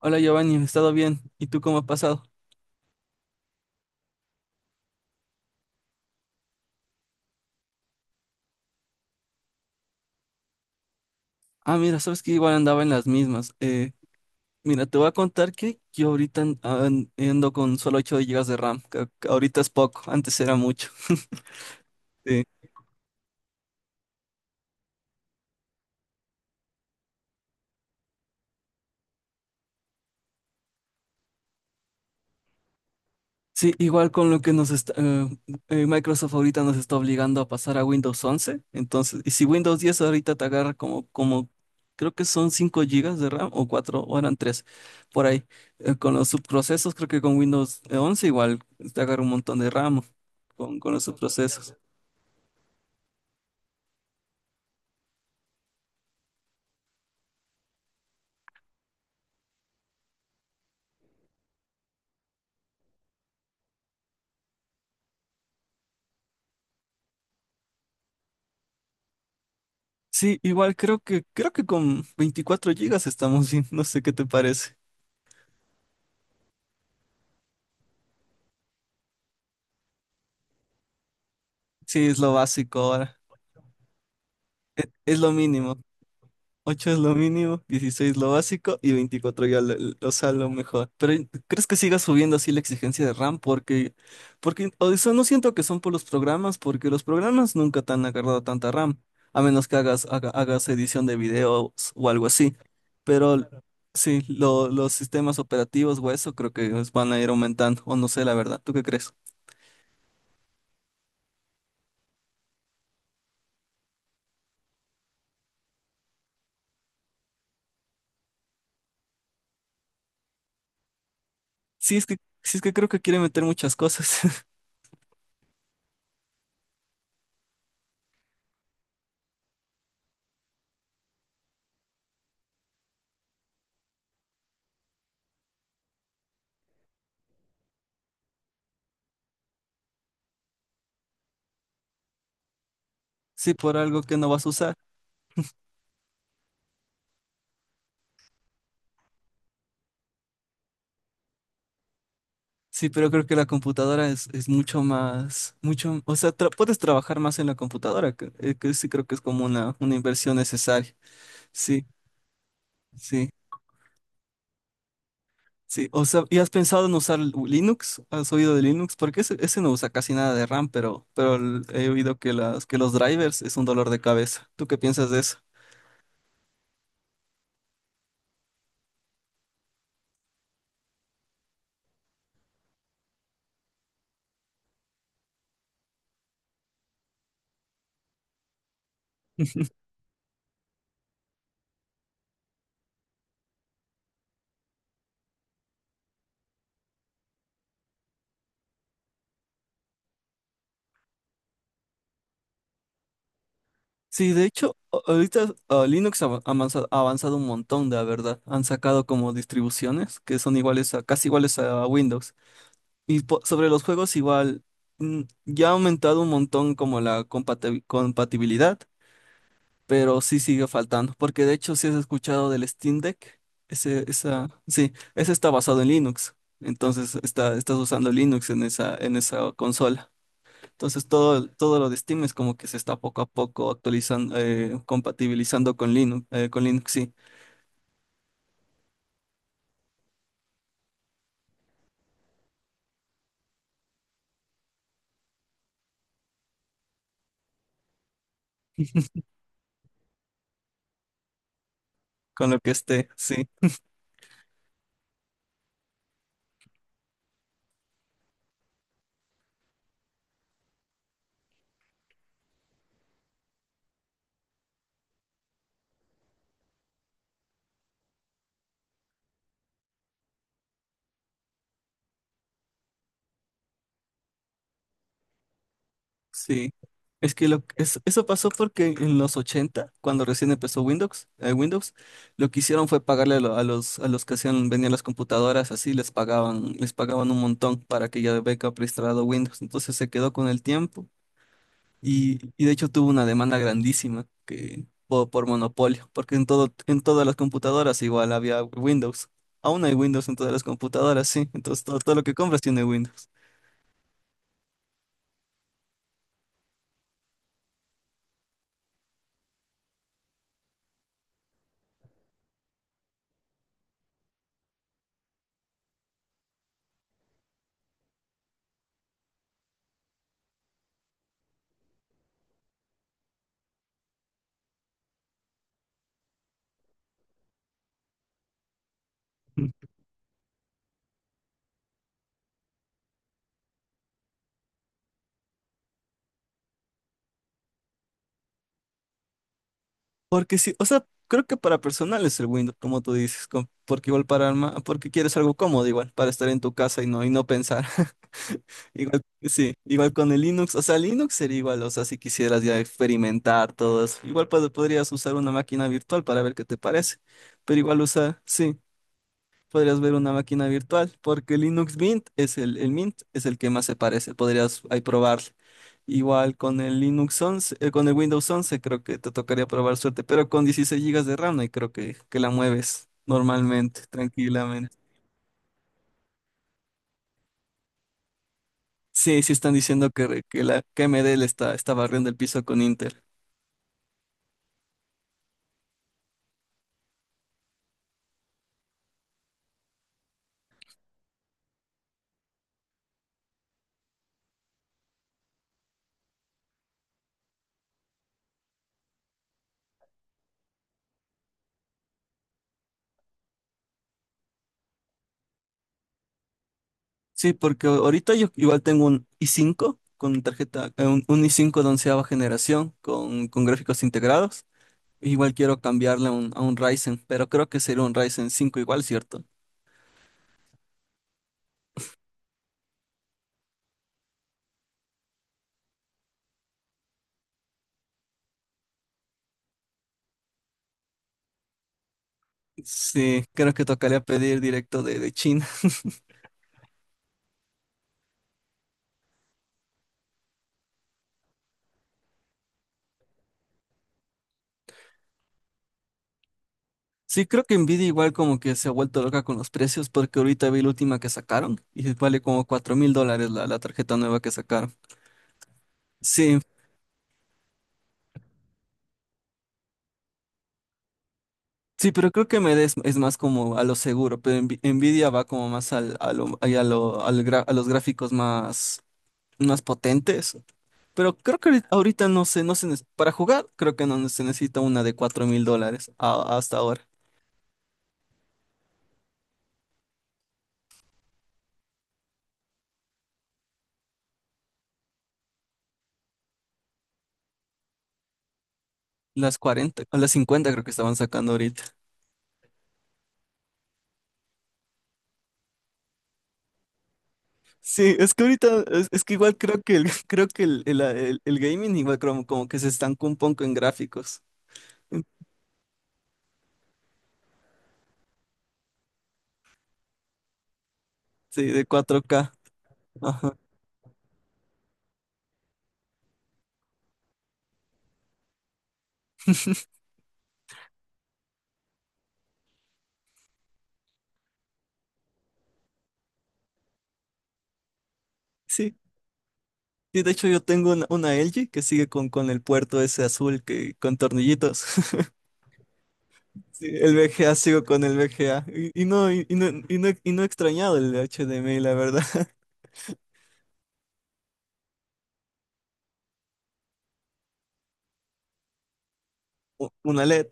Hola Giovanni, he estado bien. ¿Y tú cómo has pasado? Ah, mira, sabes que igual andaba en las mismas. Mira, te voy a contar que yo ahorita ando con solo 8 gigas de RAM, que ahorita es poco, antes era mucho. Sí, igual con lo que nos está, Microsoft ahorita nos está obligando a pasar a Windows 11. Entonces, y si Windows 10 ahorita te agarra como creo que son 5 gigas de RAM o 4 o eran 3 por ahí. Con los subprocesos, creo que con Windows 11 igual te agarra un montón de RAM con los subprocesos. Sí, creo que con 24 gigas estamos bien. No sé qué te parece. Sí, es lo básico ahora. Es lo mínimo. Ocho es lo mínimo, 16 lo básico y 24 ya lo mejor. Pero ¿crees que siga subiendo así la exigencia de RAM? Porque o sea, no siento que son por los programas, porque los programas nunca te han agarrado tanta RAM, a menos que hagas edición de videos o algo así. Pero claro. Sí, los sistemas operativos o eso creo que os van a ir aumentando, o no sé, la verdad. ¿Tú qué crees? Sí, es que, sí, es que creo que quiere meter muchas cosas. Sí, por algo que no vas a usar. Sí, pero creo que la computadora es mucho más, mucho, o sea, puedes trabajar más en la computadora, que sí creo que es como una inversión necesaria. Sí, sí, sí. O sea, ¿y has pensado en usar Linux? ¿Has oído de Linux? Porque ese no usa casi nada de RAM, pero, pero he oído que que los drivers es un dolor de cabeza. ¿Tú qué piensas de eso? Sí, de hecho, ahorita Linux ha ha avanzado un montón, la verdad. Han sacado como distribuciones que son iguales a, casi iguales a Windows. Y sobre los juegos igual, ya ha aumentado un montón como la compatibilidad, pero sí sigue faltando, porque de hecho si has escuchado del Steam Deck, ese está basado en Linux, entonces estás usando Linux en esa consola. Entonces todo lo de Steam es como que se está poco a poco actualizando, compatibilizando con Linux, sí, con lo que esté, sí. Sí, es que lo, es- eso pasó porque en los 80 cuando recién empezó Windows, lo que hicieron fue pagarle a, a los que hacían, vendían las computadoras, así les pagaban un montón para que ya venga preinstalado Windows. Entonces se quedó con el tiempo y de hecho tuvo una demanda grandísima por monopolio, porque en todo, en todas las computadoras igual había Windows. Aún hay Windows en todas las computadoras, sí. Entonces todo lo que compras tiene Windows. Porque sí, o sea, creo que para personal es el Windows, como tú dices, porque igual para alma, porque quieres algo cómodo igual, para estar en tu casa y no pensar. Igual, sí, igual con el Linux, o sea, Linux sería igual, o sea, si quisieras ya experimentar todo eso, igual podrías usar una máquina virtual para ver qué te parece, pero igual usar, sí podrías ver una máquina virtual, porque Linux Mint es el Mint es el que más se parece, podrías ahí probar. Igual con el Linux 11 con el Windows 11 creo que te tocaría probar suerte, pero con 16 gigas de RAM y creo que la mueves normalmente, tranquilamente. Sí, sí están diciendo que, re- que la que AMD le está, está barriendo el piso con Intel. Sí, porque ahorita yo igual tengo un i5 con tarjeta, un i5 de onceava generación con gráficos integrados. Igual quiero cambiarle a un Ryzen, pero creo que sería un Ryzen 5 igual, ¿cierto? Sí, creo que tocaría pedir directo de China. Sí, creo que Nvidia igual como que se ha vuelto loca con los precios porque ahorita vi la última que sacaron y vale como 4 mil dólares la tarjeta nueva que sacaron. Sí, sí, pero creo que es más como a lo seguro, pero Nvidia va como más al, a lo, ahí a lo- al gra- a los gráficos más más potentes. Pero creo que ahorita no se, no se, nece- para jugar, creo que no se necesita una de 4 mil dólares hasta ahora. Las 40 o las 50 creo que estaban sacando ahorita. Sí, es que ahorita, es que igual creo que el, creo que el gaming igual como que se estancó un poco en gráficos. Sí, de cuatro k. Ajá. Sí. Sí, de hecho yo tengo una LG que sigue con el puerto ese azul que con tornillitos. Sí, el VGA sigo con el VGA. Y no, y no, y no, y no he extrañado el HDMI, la verdad. Una LED.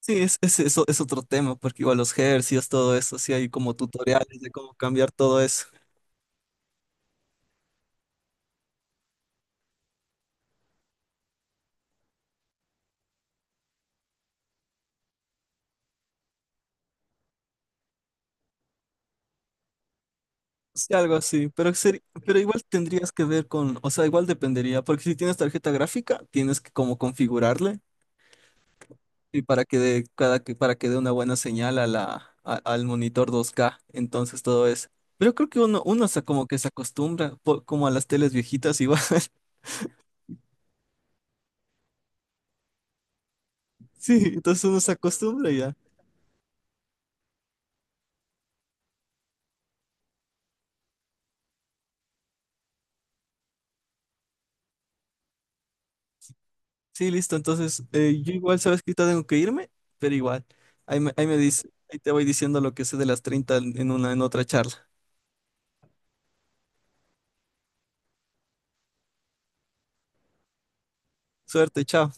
Sí, eso es otro tema, porque igual los hercios, todo eso, sí hay como tutoriales de cómo cambiar todo eso. Sí, algo así, pero, pero igual tendrías que ver con, o sea, igual dependería, porque si tienes tarjeta gráfica, tienes que como configurarle y para que dé cada que para que dé una buena señal a la al monitor 2K, entonces todo eso. Pero creo que uno se como que se acostumbra como a las teles viejitas igual. Sí, entonces uno se acostumbra ya. Sí, listo. Entonces, yo igual sabes que ahorita tengo que irme, pero igual. Ahí me dice, ahí te voy diciendo lo que sé de las 30 en otra charla. Suerte, chao.